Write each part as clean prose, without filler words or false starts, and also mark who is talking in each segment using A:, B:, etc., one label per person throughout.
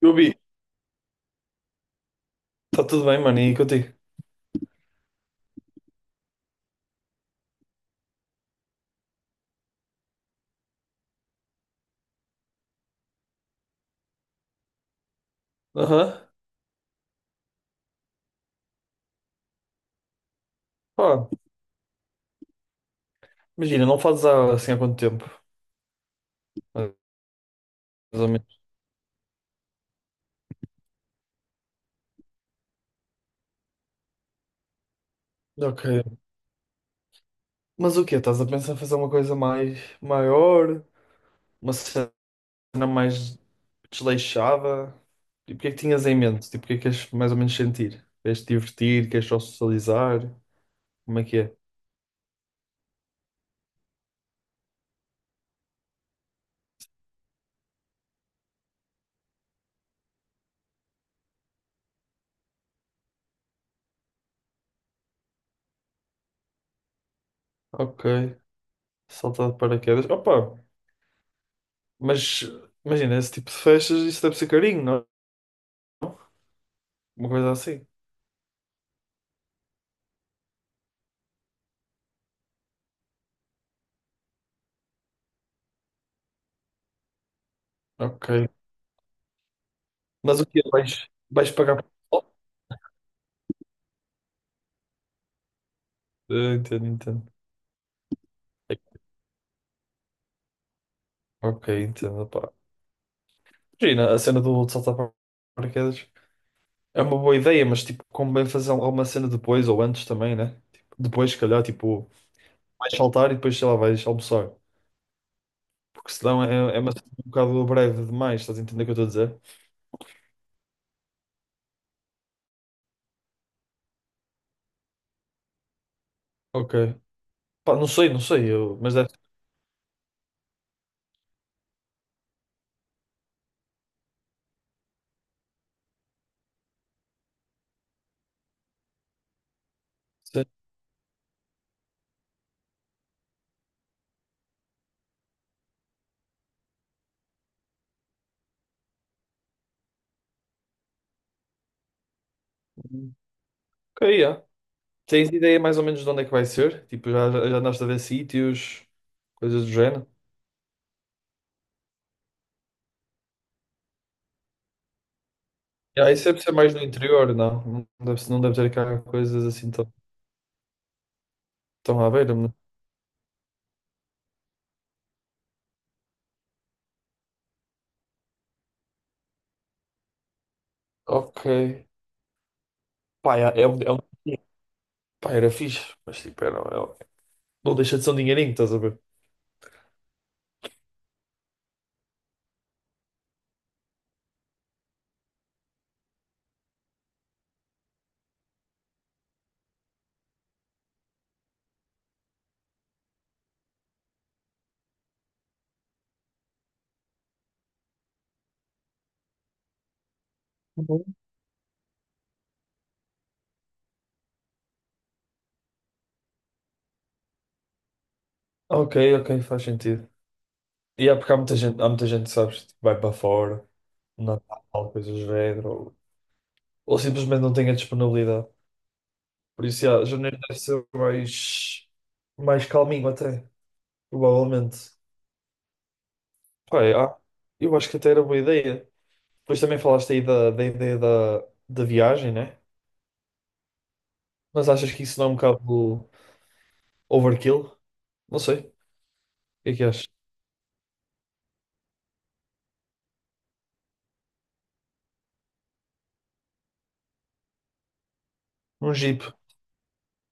A: Eu vi. Está tudo bem, mano, e contigo? Aham. Pá, imagina, não fazes há assim há quanto tempo? Mais ou menos. Ok. Mas o quê? Estás a pensar em fazer uma coisa mais maior? Uma cena mais desleixada? E o que é que tinhas em mente? Tipo, o que é que queres mais ou menos sentir? Queres te divertir? Queres só socializar? Como é que é? Ok. Saltar de paraquedas. Opa, mas imagina, esse tipo de festas, isso deve ser carinho, não? Uma coisa assim. Ok. Mas o quê? Vais pagar? Eu entendo, entendo. Ok, entendo, pá. Imagina, a cena do de saltar para paraquedas é uma boa ideia, mas tipo, como bem fazer alguma cena depois ou antes também, né? Tipo, depois, se calhar, tipo, vais saltar e depois, sei lá, vais almoçar. Porque senão é uma cena um bocado breve demais, estás a entender o que eu estou a dizer? Ok. Pá, não sei, não sei, eu, mas deve ser. Ok, yeah. Tens ideia mais ou menos de onde é que vai ser? Tipo, já andaste a ver sítios, coisas do género? Yeah, isso deve ser mais no interior, não? Não deve ter cá coisas assim. Estão à beira-me. Ok. Pá, é um... Pá, era fixe, mas tipo, era, não deixa de ser um dinheirinho, estás a ver? Uhum. Ok, ok, faz sentido. E é porque há muita gente, sabes, tipo, vai para fora, Natal, coisas do género, ou simplesmente não tem a disponibilidade. Por isso, já, janeiro deve ser mais, mais calminho até, provavelmente. Pá, eu acho que até era boa ideia. Depois também falaste aí da, da ideia da, da viagem, né? Mas achas que isso não é um bocado overkill? Não sei. O que é que achas? Um Jeep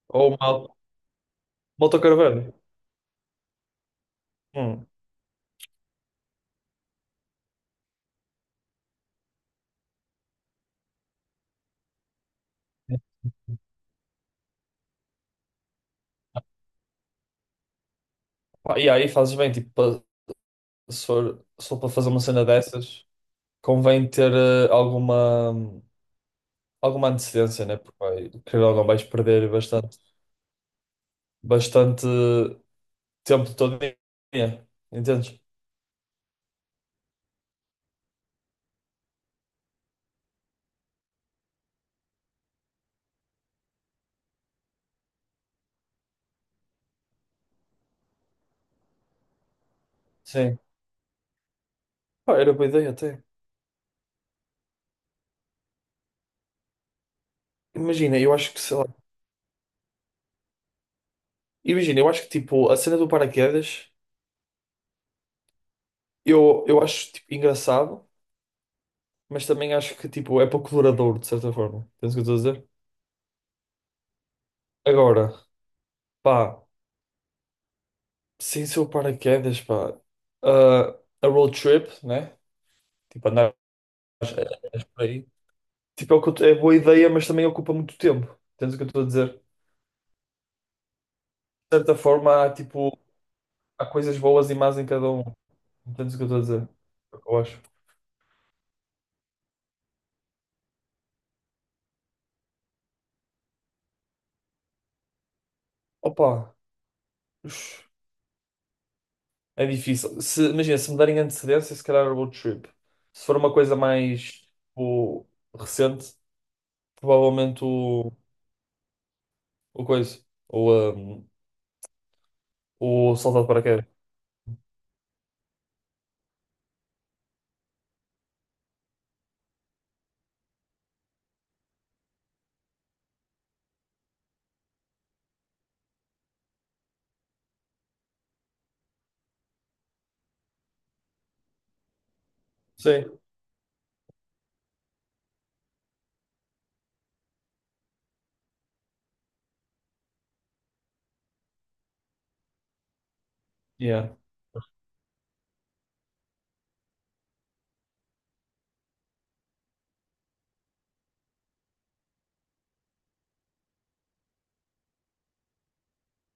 A: ou uma autocaravana? Hum. Pá, e aí fazes bem, tipo, se for, se for para fazer uma cena dessas, convém ter alguma, alguma antecedência, né? Porque vai, querendo ou não vais perder bastante, bastante tempo todo dia, entendes? Sim. Pá, era boa ideia até. Imagina, eu acho que, sei lá, imagina, eu acho que tipo, a cena do paraquedas, eu acho tipo, engraçado, mas também acho que tipo, é pouco duradouro, de certa forma. Entendes o que eu estou a dizer? Agora, pá, sem ser o paraquedas, pá, ah, a road trip, né? Tipo, andar por aí. Tipo, é, o que eu t- é boa ideia, mas também ocupa muito tempo. Entendes o que eu estou a dizer? De certa forma, há, tipo, há coisas boas e más em cada um. Entendes o que eu estou a dizer? Eu acho. Opa, ux, é difícil. Se, imagina, se me derem antecedência, se calhar a road trip. Se for uma coisa mais, tipo, recente, provavelmente o coisa. Ou, o salto de paraquedas. Sim. Yeah.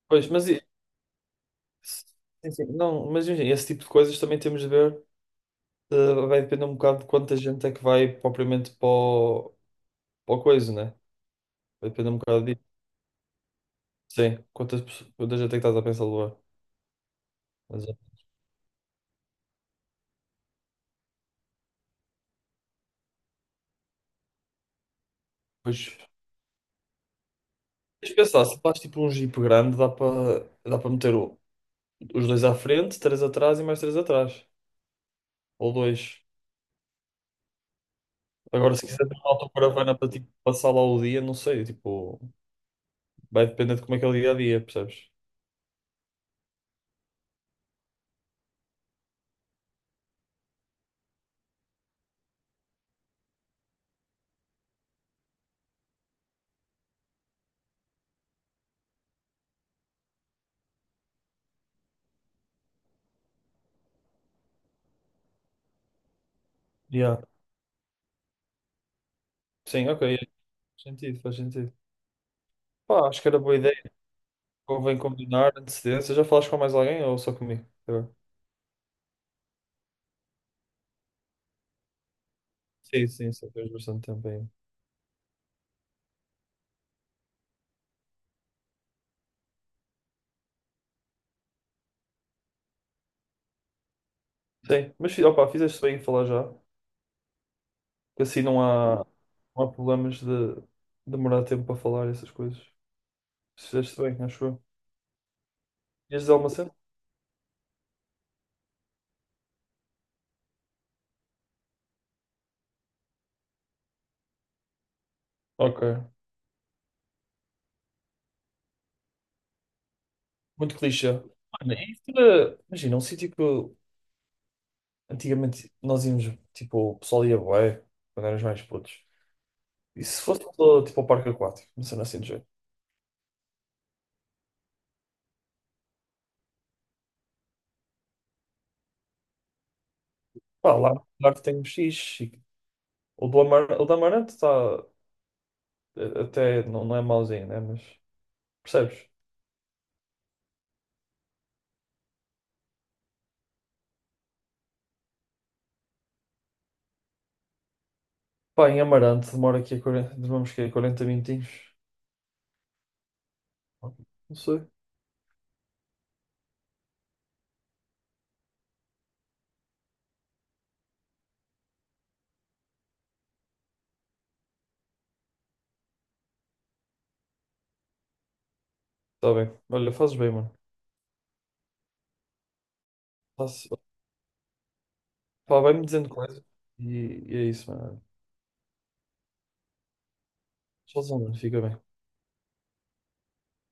A: Pois, sim, sim, não, mas enfim, esse tipo de coisas também temos de ver. Vai depender um bocado de quanta gente é que vai propriamente para o coisa, né? Vai depender um bocado disso. Sim, quanta gente é que estás a pensar levar. Mas, pois, tens de pensar, se faz tipo um jeep grande, dá para os dois à frente, três atrás e mais três atrás. Ou dois. Agora, se quiser ter uma autocaravana para tipo, passar lá o dia, não sei, tipo, vai depender de como é que é o dia a dia, percebes? Yeah. Sim, ok, faz sentido, faz sentido. Pá, acho que era boa ideia. Convém combinar antecedência. Já falaste com mais alguém ou só comigo? Eu- Sim, sim, só tens bastante tempo aí. Sim, opá, fizeste bem em falar já, que assim não há, não há problemas de demorar tempo para falar essas coisas. Fizeste bem, acho eu. Queres dizer alguma cena? Ok. Muito clichê. Mano, imagina, antigamente nós íamos, tipo, o pessoal ia bué, quando éramos mais putos. E se fosse só, tipo ao parque aquático, uma cena assim do jeito? Pá, lá que tem um X. O do Amar... o do Amarante está até, não, não é mauzinho, né? Mas percebes? Pá, em Amarante demora aqui a 40... demoramos que 40 minutinhos. Não sei. Está bem. Olha, fazes bem, mano. Faz- Pá, vai-me dizendo coisas e, e é isso, mano. Tchauzão, mano. Fica bem.